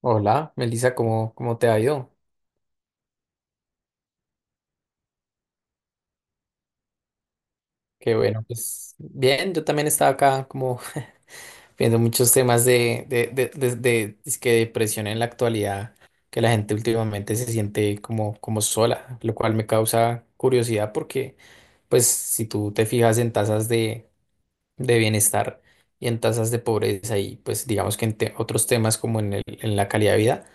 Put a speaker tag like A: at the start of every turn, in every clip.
A: Hola, Melissa, ¿cómo te ha ido? Qué bueno, pues bien, yo también estaba acá como viendo muchos temas de dizque depresión en la actualidad, que la gente últimamente se siente como sola, lo cual me causa curiosidad porque pues si tú te fijas en tasas de bienestar y en tasas de pobreza y pues digamos que en otros temas como en en la calidad de vida,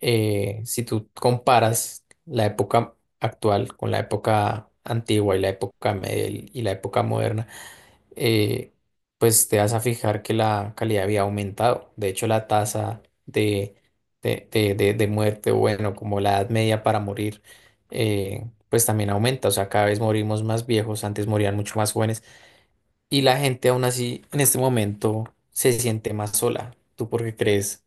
A: si tú comparas la época actual con la época antigua y la época medieval y la época moderna, eh, pues te vas a fijar que la calidad había aumentado. De hecho, la tasa de muerte, o bueno, como la edad media para morir, pues también aumenta. O sea, cada vez morimos más viejos, antes morían mucho más jóvenes y la gente aún así en este momento se siente más sola. ¿Tú por qué crees?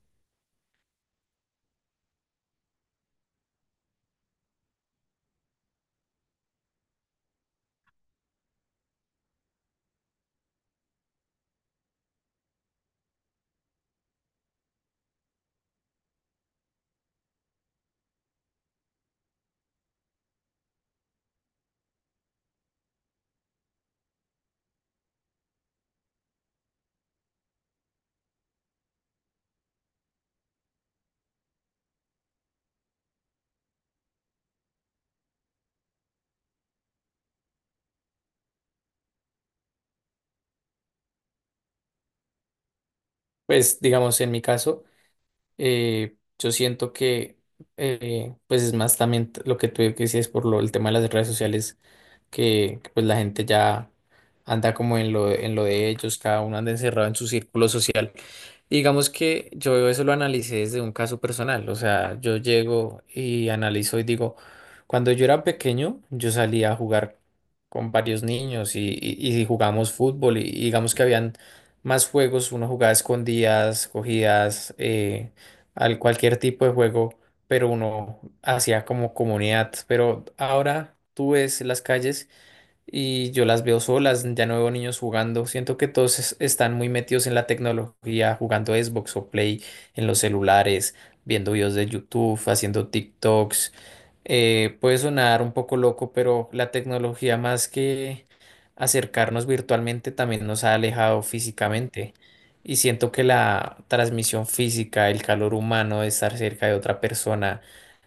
A: Pues digamos, en mi caso, yo siento que, pues es más también lo que tú decías por lo, el tema de las redes sociales, que pues la gente ya anda como en lo de ellos, cada uno anda encerrado en su círculo social. Y digamos que yo eso lo analicé desde un caso personal, o sea, yo llego y analizo y digo, cuando yo era pequeño, yo salía a jugar con varios niños y jugamos fútbol y digamos que habían más juegos, uno jugaba escondidas, cogidas, al cualquier tipo de juego, pero uno hacía como comunidad, pero ahora tú ves las calles y yo las veo solas, ya no veo niños jugando. Siento que todos están muy metidos en la tecnología, jugando Xbox o Play en los celulares, viendo videos de YouTube, haciendo TikToks. Puede sonar un poco loco, pero la tecnología más que acercarnos virtualmente también nos ha alejado físicamente. Y siento que la transmisión física, el calor humano de estar cerca de otra persona,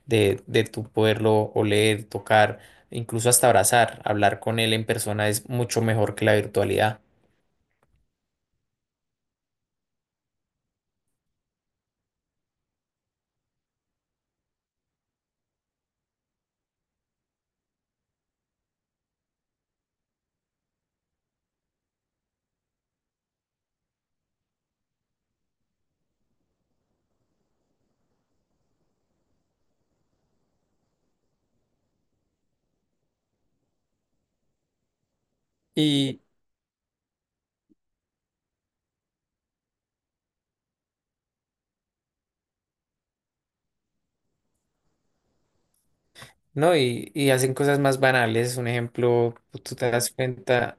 A: de tu poderlo oler, tocar incluso hasta abrazar, hablar con él en persona es mucho mejor que la virtualidad. Y no, y hacen cosas más banales. Un ejemplo, tú te das cuenta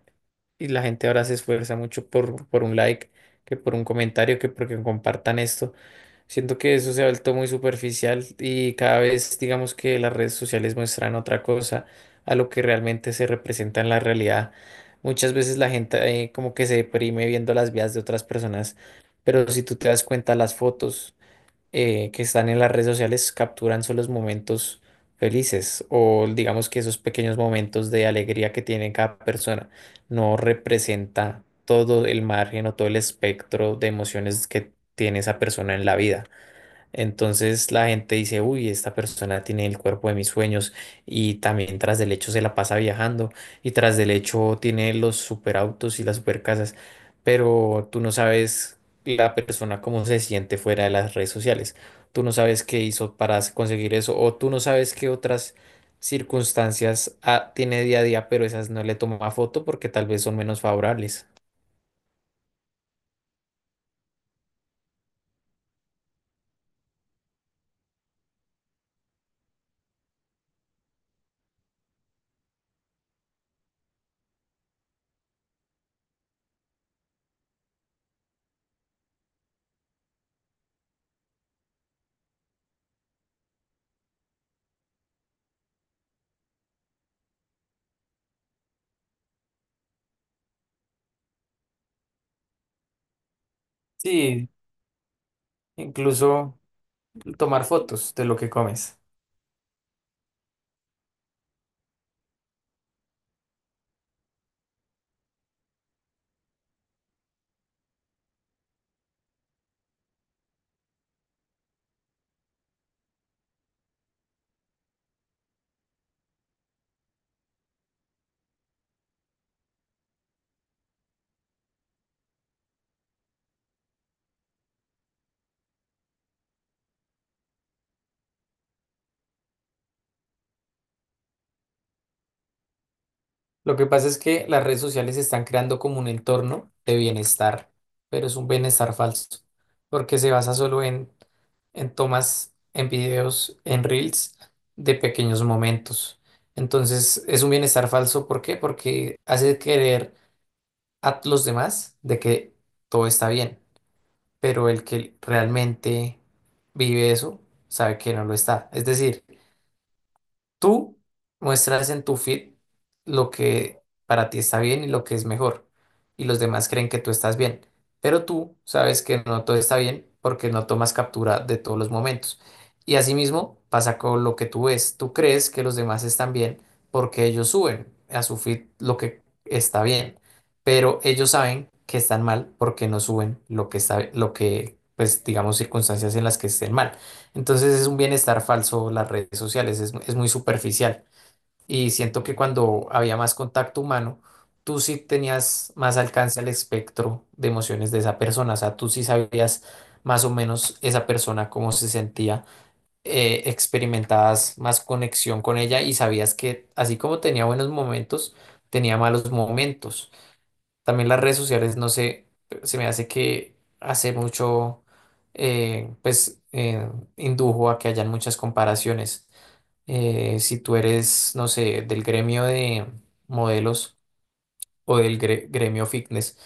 A: y la gente ahora se esfuerza mucho por un like, que por un comentario, que porque compartan esto. Siento que eso se ha vuelto muy superficial y cada vez digamos que las redes sociales muestran otra cosa a lo que realmente se representa en la realidad. Muchas veces la gente como que se deprime viendo las vidas de otras personas, pero si tú te das cuenta, las fotos que están en las redes sociales capturan solo los momentos felices o digamos que esos pequeños momentos de alegría que tiene cada persona. No representa todo el margen o todo el espectro de emociones que tiene esa persona en la vida. Entonces la gente dice, uy, esta persona tiene el cuerpo de mis sueños y también tras del hecho se la pasa viajando y tras del hecho tiene los superautos y las supercasas, pero tú no sabes la persona cómo se siente fuera de las redes sociales, tú no sabes qué hizo para conseguir eso o tú no sabes qué otras circunstancias tiene día a día, pero esas no le toma foto porque tal vez son menos favorables. Sí, incluso tomar fotos de lo que comes. Lo que pasa es que las redes sociales están creando como un entorno de bienestar, pero es un bienestar falso, porque se basa solo en tomas, en videos, en reels de pequeños momentos. Entonces es un bienestar falso, ¿por qué? Porque hace creer a los demás de que todo está bien, pero el que realmente vive eso sabe que no lo está. Es decir, tú muestras en tu feed lo que para ti está bien y lo que es mejor, y los demás creen que tú estás bien, pero tú sabes que no todo está bien porque no tomas captura de todos los momentos. Y asimismo pasa con lo que tú ves. Tú crees que los demás están bien porque ellos suben a su feed lo que está bien, pero ellos saben que están mal porque no suben lo que está, lo que, pues digamos, circunstancias en las que estén mal. Entonces es un bienestar falso las redes sociales, es muy superficial. Y siento que cuando había más contacto humano, tú sí tenías más alcance al espectro de emociones de esa persona, o sea, tú sí sabías más o menos esa persona cómo se sentía, experimentabas más conexión con ella y sabías que así como tenía buenos momentos, tenía malos momentos. También las redes sociales, no sé, se me hace que hace mucho, eh, pues, eh, indujo a que hayan muchas comparaciones. Si tú eres, no sé, del gremio de modelos, o del gremio fitness.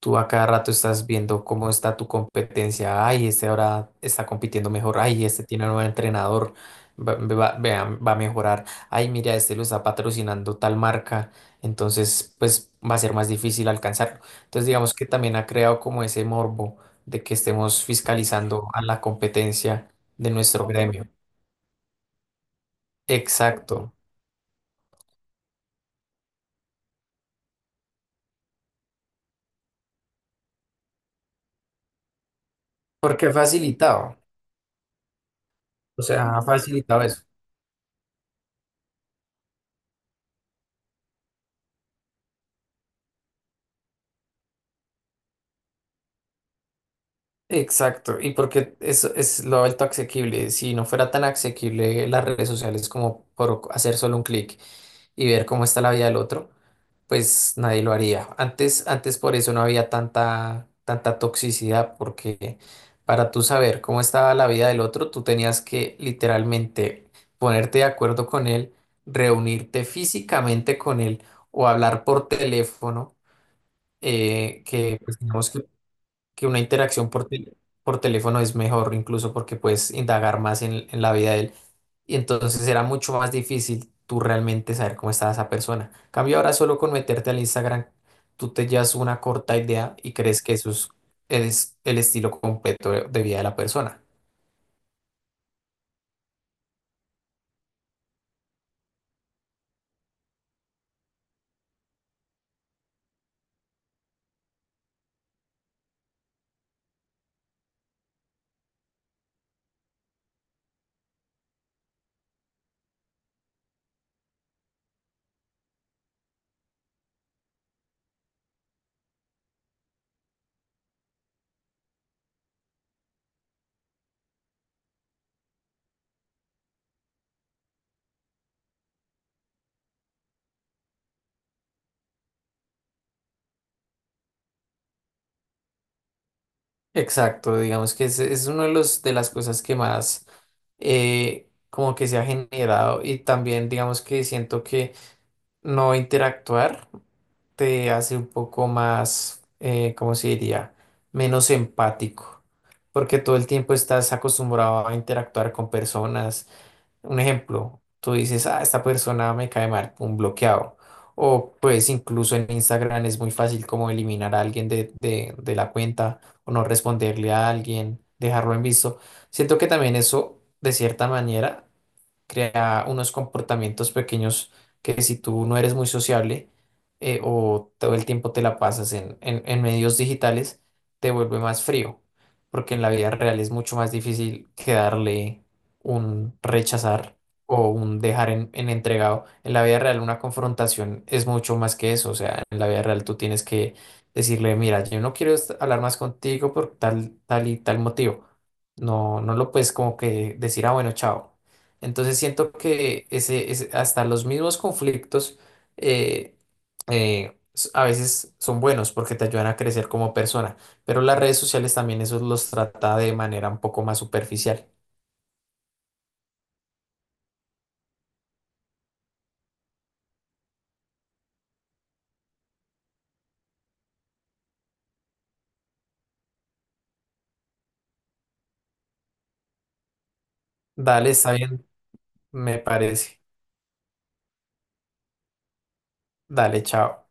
A: Tú a cada rato estás viendo cómo está tu competencia. Ay, este ahora está compitiendo mejor. Ay, este tiene un nuevo entrenador. Va a mejorar. Ay, mira, este lo está patrocinando tal marca. Entonces, pues va a ser más difícil alcanzarlo. Entonces, digamos que también ha creado como ese morbo de que estemos fiscalizando a la competencia de nuestro gremio. Exacto. Porque ha facilitado. O sea, ha facilitado eso. Exacto, y porque eso es lo alto asequible. Si no fuera tan asequible las redes sociales como por hacer solo un clic y ver cómo está la vida del otro, pues nadie lo haría. Antes por eso no había tanta toxicidad, porque para tú saber cómo estaba la vida del otro, tú tenías que literalmente ponerte de acuerdo con él, reunirte físicamente con él o hablar por teléfono, que pues, digamos que una interacción por, por teléfono es mejor, incluso porque puedes indagar más en la vida de él. Y entonces era mucho más difícil tú realmente saber cómo estaba esa persona. En cambio ahora solo con meterte al Instagram, tú te llevas una corta idea y crees que eso es el estilo completo de vida de la persona. Exacto, digamos que es uno de los de las cosas que más como que se ha generado y también digamos que siento que no interactuar. Te hace un poco más, ¿cómo se diría? Menos empático, porque todo el tiempo estás acostumbrado a interactuar con personas. Un ejemplo, tú dices, ah, esta persona me cae mal, un bloqueado. O pues incluso en Instagram es muy fácil como eliminar a alguien de la cuenta o no responderle a alguien, dejarlo en visto. Siento que también eso, de cierta manera, crea unos comportamientos pequeños que si tú no eres muy sociable o todo el tiempo te la pasas en medios digitales, te vuelve más frío, porque en la vida real es mucho más difícil que darle un rechazar o un dejar en entregado. En la vida real una confrontación es mucho más que eso, o sea, en la vida real tú tienes que decirle, mira, yo no quiero hablar más contigo por tal, tal y tal motivo. No, no lo puedes como que decir, ah, bueno, chao. Entonces siento que hasta los mismos conflictos eh, a veces son buenos porque te ayudan a crecer como persona, pero las redes sociales también eso los trata de manera un poco más superficial. Dale, está bien, me parece. Dale, chao.